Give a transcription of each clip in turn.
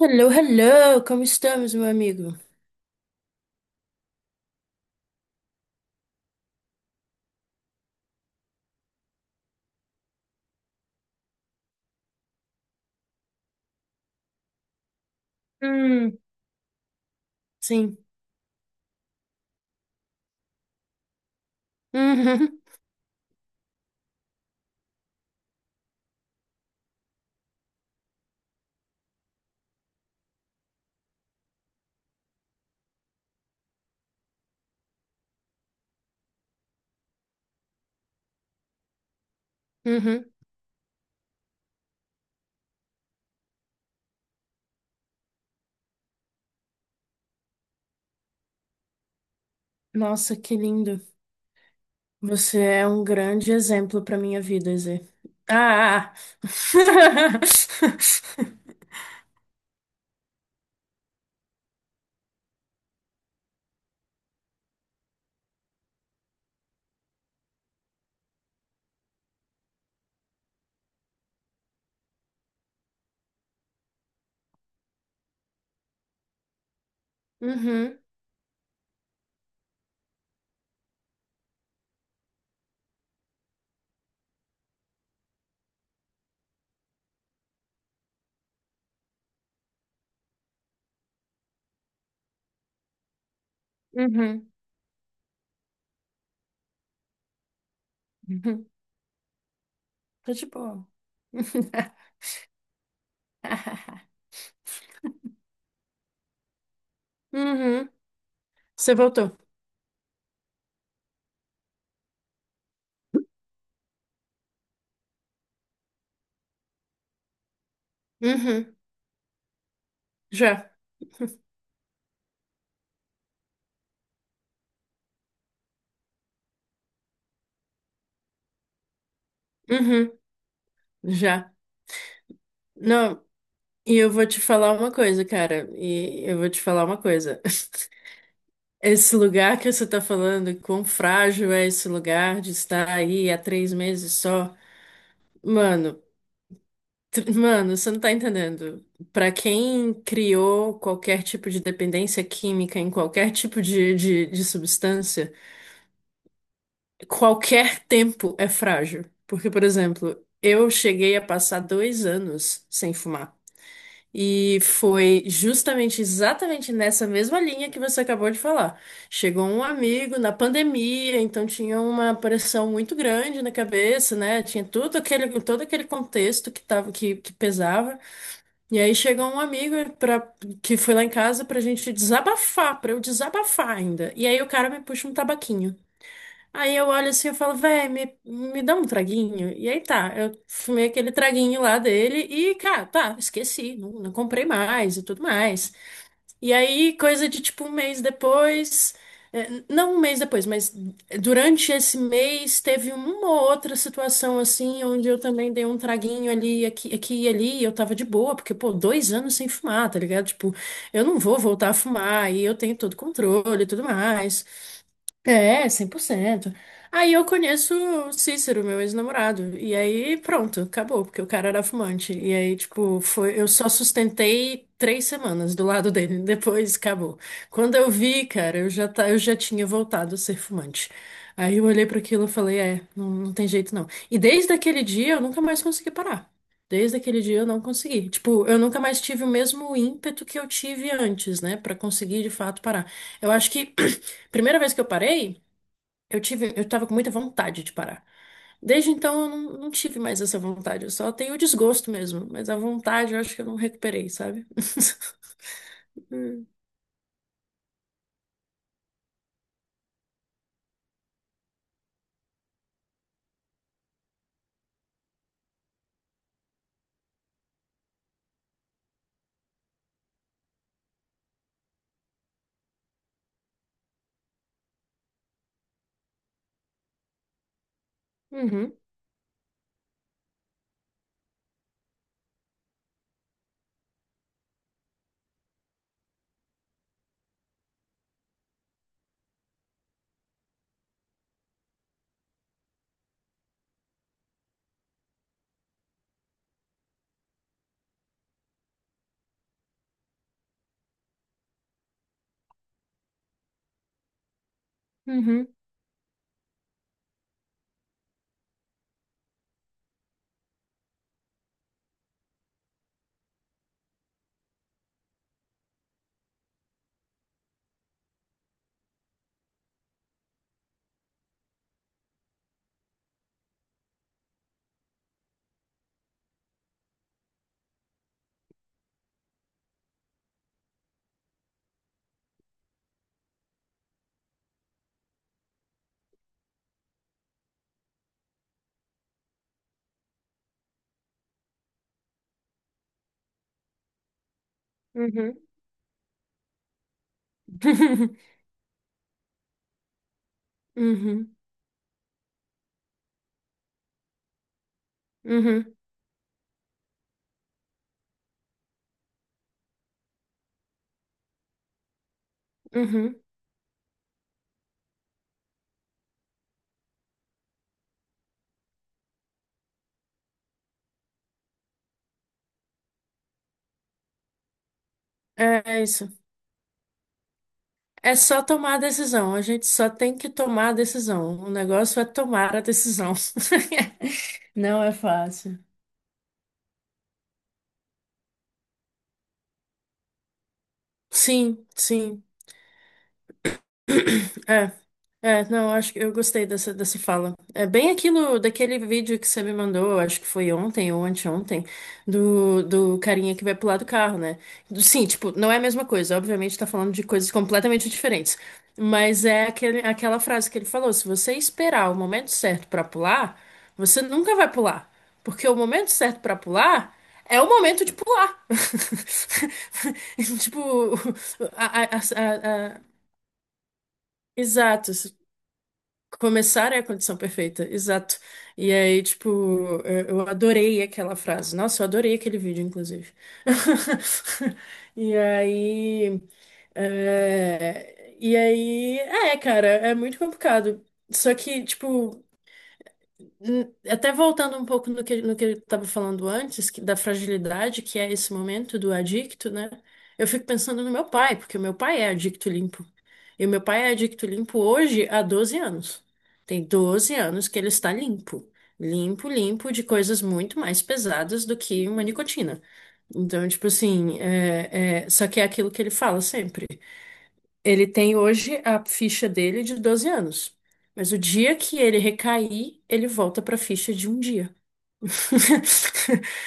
Hello, hello, como estamos, meu amigo? Hum, sim. Uhum, uhum. Nossa, que lindo. Você é um grande exemplo para minha vida, Zé. Ah! Ah, ah. Uhum, uhum, uhum. Tá de boa. Uhum. Você voltou. Uhum. Já. Uhum. Já. Não, e eu vou te falar uma coisa, cara. E eu vou te falar uma coisa. Esse lugar que você está falando, quão frágil é esse lugar de estar aí há 3 meses só? Mano, mano, você não tá entendendo. Para quem criou qualquer tipo de dependência química em qualquer tipo de substância, qualquer tempo é frágil. Porque, por exemplo, eu cheguei a passar 2 anos sem fumar. E foi justamente exatamente nessa mesma linha que você acabou de falar. Chegou um amigo na pandemia, então tinha uma pressão muito grande na cabeça, né? Tinha tudo aquele, todo aquele contexto que tava, que pesava. E aí chegou um amigo que foi lá em casa pra gente desabafar, pra eu desabafar ainda. E aí o cara me puxa um tabaquinho. Aí eu olho assim e falo, véi, me dá um traguinho. E aí tá, eu fumei aquele traguinho lá dele e, cara, tá, esqueci, não, não comprei mais e tudo mais. E aí, coisa de tipo um mês depois, não um mês depois, mas durante esse mês teve uma ou outra situação assim, onde eu também dei um traguinho ali, aqui, aqui e ali, e eu tava de boa, porque, pô, 2 anos sem fumar, tá ligado? Tipo, eu não vou voltar a fumar e eu tenho todo controle e tudo mais. É, 100%. Aí eu conheço o Cícero, meu ex-namorado. E aí, pronto, acabou, porque o cara era fumante. E aí, tipo, foi, eu só sustentei 3 semanas do lado dele. Depois acabou. Quando eu vi, cara, tá, eu já tinha voltado a ser fumante. Aí eu olhei para aquilo e falei, é, não, não tem jeito não. E desde aquele dia eu nunca mais consegui parar. Desde aquele dia eu não consegui. Tipo, eu nunca mais tive o mesmo ímpeto que eu tive antes, né, pra conseguir de fato parar. Eu acho que primeira vez que eu parei, eu tava com muita vontade de parar. Desde então, eu não tive mais essa vontade. Eu só tenho o desgosto mesmo. Mas a vontade, eu acho que eu não recuperei, sabe? Hum, uhum, uhum, uhum. Uhum, uhum, uhum. É isso. É só tomar a decisão. A gente só tem que tomar a decisão. O negócio é tomar a decisão. Não é fácil. Sim, sim. É, é, não, acho que eu gostei dessa fala. É bem aquilo daquele vídeo que você me mandou, acho que foi ontem ou anteontem, do carinha que vai pular do carro, né? Sim, tipo, não é a mesma coisa, obviamente tá falando de coisas completamente diferentes. Mas é aquela frase que ele falou: se você esperar o momento certo pra pular, você nunca vai pular. Porque o momento certo pra pular é o momento de pular. Tipo, a, a, a, a- a- exato. Começar é a condição perfeita, exato. E aí, tipo, eu adorei aquela frase. Nossa, eu adorei aquele vídeo, inclusive. E aí. E aí. É, cara, é muito complicado. Só que, tipo. Até voltando um pouco no que eu estava falando antes, da fragilidade que é esse momento do adicto, né? Eu fico pensando no meu pai, porque o meu pai é adicto limpo. E o meu pai é adicto limpo hoje há 12 anos. Tem 12 anos que ele está limpo. Limpo, limpo de coisas muito mais pesadas do que uma nicotina. Então, tipo assim, só que é aquilo que ele fala sempre. Ele tem hoje a ficha dele de 12 anos. Mas o dia que ele recair, ele volta para a ficha de um dia.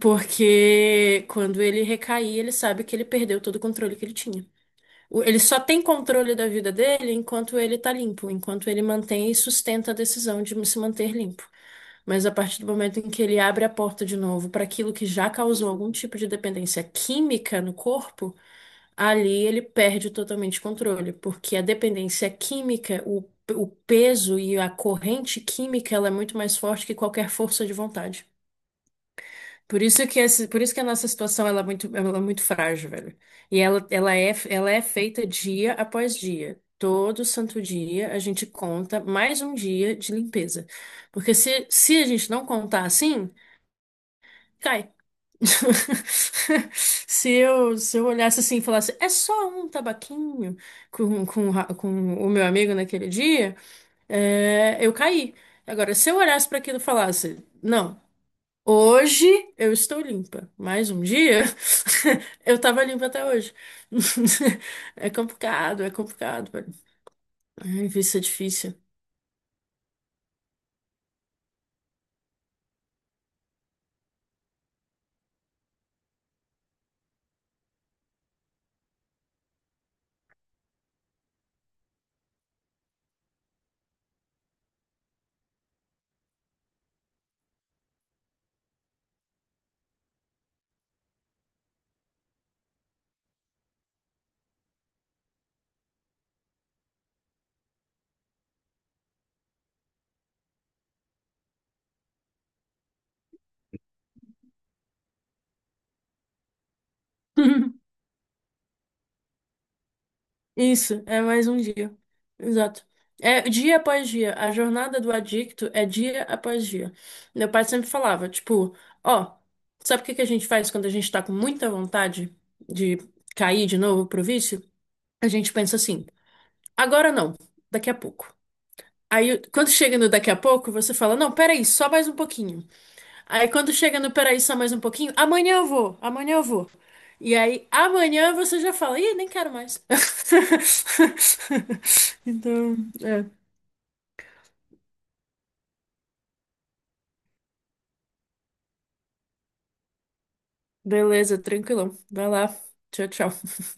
Porque quando ele recair, ele sabe que ele perdeu todo o controle que ele tinha. Ele só tem controle da vida dele enquanto ele tá limpo, enquanto ele mantém e sustenta a decisão de se manter limpo. Mas a partir do momento em que ele abre a porta de novo para aquilo que já causou algum tipo de dependência química no corpo, ali ele perde totalmente o controle, porque a dependência química, o peso e a corrente química, ela é muito mais forte que qualquer força de vontade. Por isso que a nossa situação ela é muito frágil, velho. E ela é feita dia após dia. Todo santo dia a gente conta mais um dia de limpeza. Porque se a gente não contar assim, cai. Se eu olhasse assim e falasse, é só um tabaquinho com o meu amigo naquele dia, eu caí. Agora, se eu olhasse para aquilo e falasse, não, hoje eu estou limpa, mais um dia eu estava limpa até hoje. É complicado, velho. Ai, isso é difícil. Isso, é mais um dia. Exato. É dia após dia. A jornada do adicto é dia após dia. Meu pai sempre falava, tipo, ó, sabe o que que a gente faz quando a gente tá com muita vontade de cair de novo pro vício? A gente pensa assim, agora não, daqui a pouco. Aí, quando chega no daqui a pouco, você fala, não, peraí, só mais um pouquinho. Aí quando chega no peraí, só mais um pouquinho, amanhã eu vou, amanhã eu vou. E aí amanhã você já fala, ih, nem quero mais. Então, é, beleza, tranquilão. Vai lá. Tchau, tchau.